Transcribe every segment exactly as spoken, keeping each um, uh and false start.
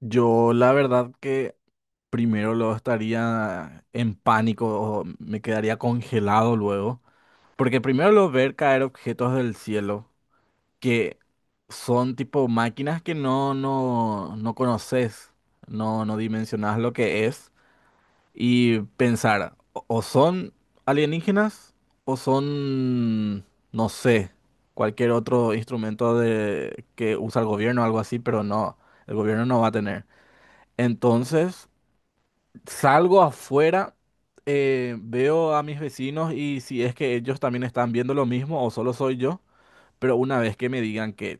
Yo la verdad que primero lo estaría en pánico o me quedaría congelado luego, porque primero lo ver caer objetos del cielo que son tipo máquinas que no no no conoces, no no dimensionas lo que es y pensar o o son alienígenas o son no sé, cualquier otro instrumento de que usa el gobierno o algo así, pero no, el gobierno no va a tener. Entonces salgo afuera, eh, veo a mis vecinos y si es que ellos también están viendo lo mismo o solo soy yo, pero una vez que me digan que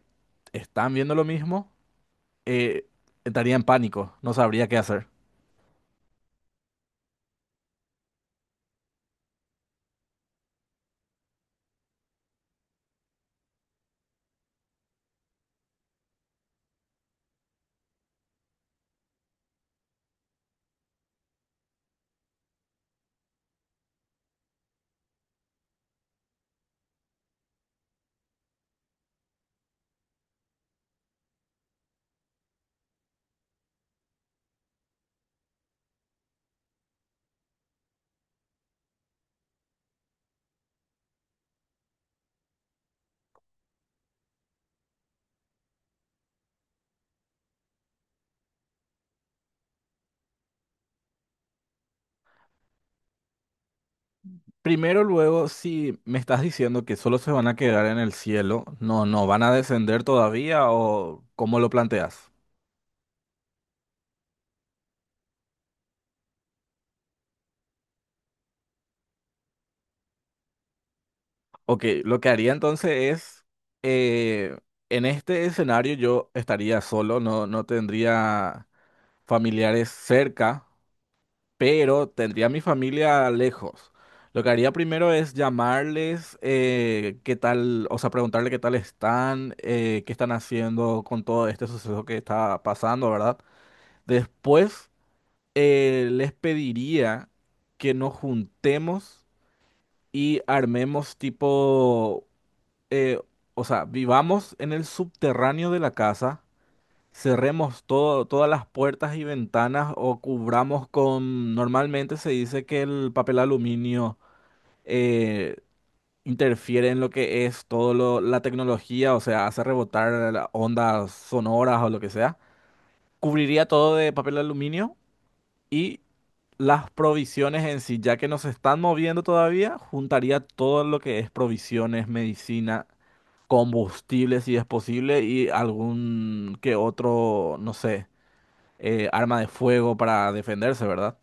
están viendo lo mismo, eh, estaría en pánico, no sabría qué hacer. Primero, luego, si me estás diciendo que solo se van a quedar en el cielo, no, no, ¿van a descender todavía o cómo lo planteas? Ok, lo que haría entonces es, eh, en este escenario yo estaría solo, no, no tendría familiares cerca, pero tendría a mi familia lejos. Lo que haría primero es llamarles, eh, qué tal, o sea, preguntarle qué tal están, eh, qué están haciendo con todo este suceso que está pasando, ¿verdad? Después, eh, les pediría que nos juntemos y armemos tipo, eh, o sea, vivamos en el subterráneo de la casa. Cerremos todo, todas las puertas y ventanas o cubramos con… Normalmente se dice que el papel aluminio eh, interfiere en lo que es todo lo- la tecnología, o sea, hace rebotar la- ondas sonoras o lo que sea. Cubriría todo de papel aluminio y las provisiones en sí, ya que nos están moviendo todavía, juntaría todo lo que es provisiones, medicina, combustible si es posible y algún que otro, no sé, eh, arma de fuego para defenderse, ¿verdad?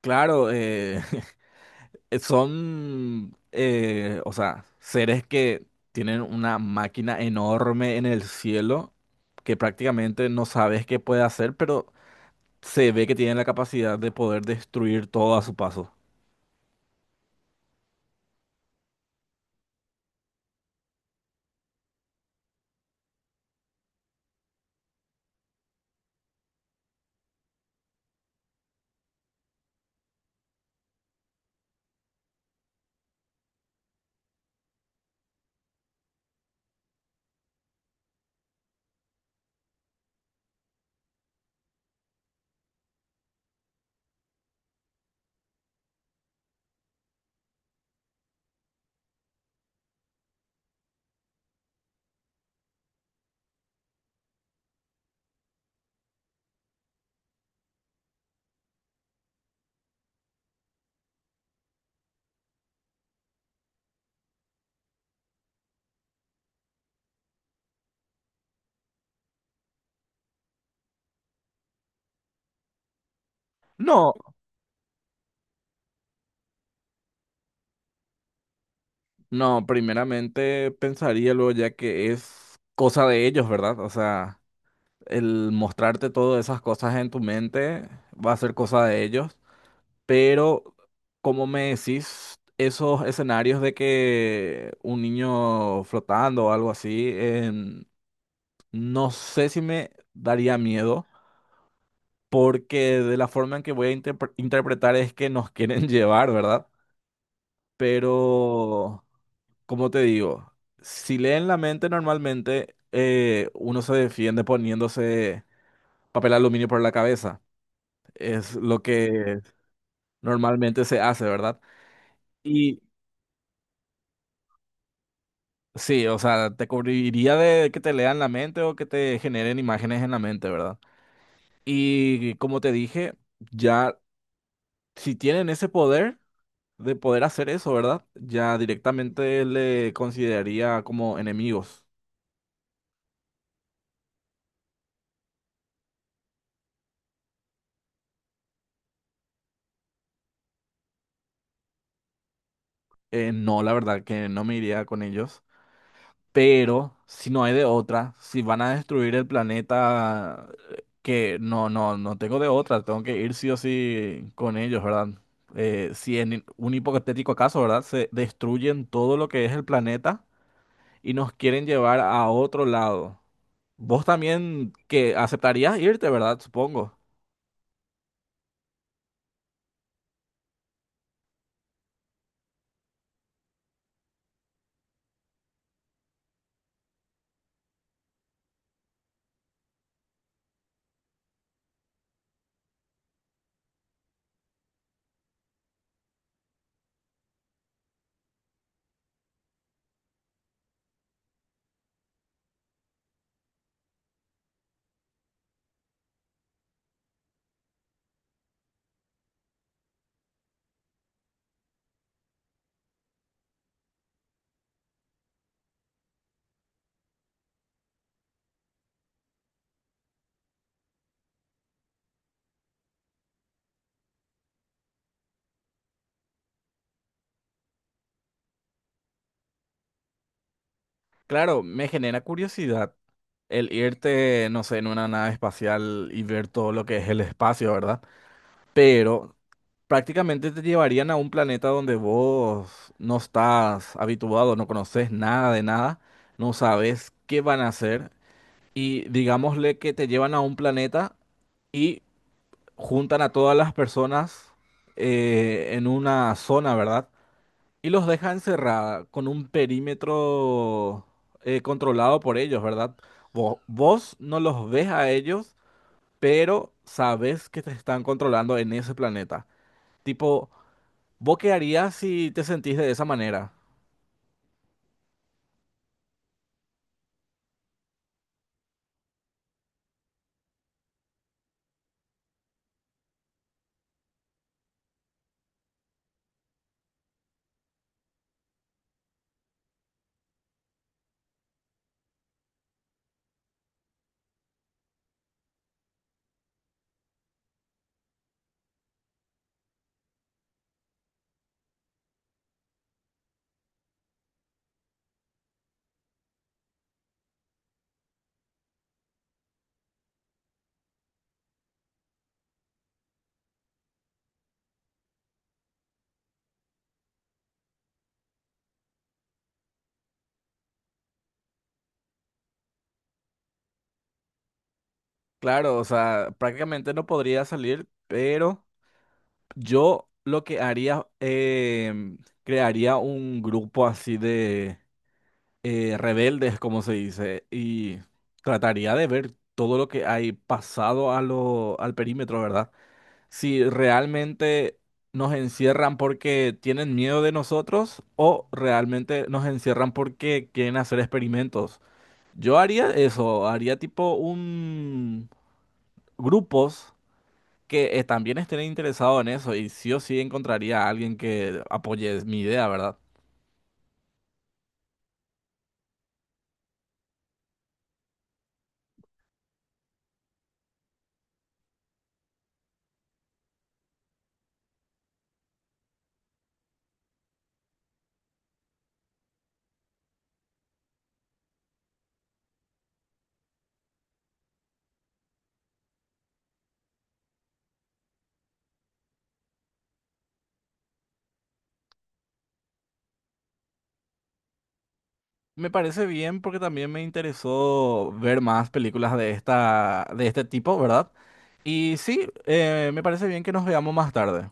Claro, eh, son, eh, o sea, seres que tienen una máquina enorme en el cielo que prácticamente no sabes qué puede hacer, pero se ve que tienen la capacidad de poder destruir todo a su paso. No, no, primeramente pensaría luego ya que es cosa de ellos, ¿verdad? O sea, el mostrarte todas esas cosas en tu mente va a ser cosa de ellos. Pero, como me decís, esos escenarios de que un niño flotando o algo así, em, no sé si me daría miedo, porque de la forma en que voy a interpre- interpretar es que nos quieren llevar, ¿verdad? Pero, como te digo, si leen la mente normalmente, eh, uno se defiende poniéndose papel aluminio por la cabeza. Es lo que normalmente se hace, ¿verdad? Sí, o sea, te cubriría de que te lean la mente o que te generen imágenes en la mente, ¿verdad? Y como te dije, ya si tienen ese poder de poder hacer eso, ¿verdad? Ya directamente le consideraría como enemigos. Eh, no, la verdad que no me iría con ellos. Pero si no hay de otra, si van a destruir el planeta, eh, que no, no, no tengo de otra, tengo que ir sí o sí con ellos, ¿verdad? Eh, si en un hipotético caso, ¿verdad? Se destruyen todo lo que es el planeta y nos quieren llevar a otro lado. Vos también que aceptarías irte, ¿verdad? Supongo. Claro, me genera curiosidad el irte, no sé, en una nave espacial y ver todo lo que es el espacio, ¿verdad? Pero prácticamente te llevarían a un planeta donde vos no estás habituado, no conoces nada de nada, no sabes qué van a hacer y digámosle que te llevan a un planeta y juntan a todas las personas, eh, en una zona, ¿verdad? Y los dejan encerrada con un perímetro, eh, controlado por ellos, ¿verdad? Vo- vos no los ves a ellos, pero sabes que te están controlando en ese planeta. Tipo… ¿Vos qué harías si te sentís de esa manera? Claro, o sea, prácticamente no podría salir, pero yo lo que haría, em, crearía un grupo así de eh, rebeldes, como se dice, y trataría de ver todo lo que hay pasado a lo, al perímetro, ¿verdad? Si realmente nos encierran porque tienen miedo de nosotros o realmente nos encierran porque quieren hacer experimentos. Yo haría eso, haría tipo un grupos que eh, también estén interesados en eso y sí o sí encontraría a alguien que apoye mi idea, ¿verdad? Me parece bien porque también me interesó ver más películas de esta, de este tipo, ¿verdad? Y sí, eh, me parece bien que nos veamos más tarde.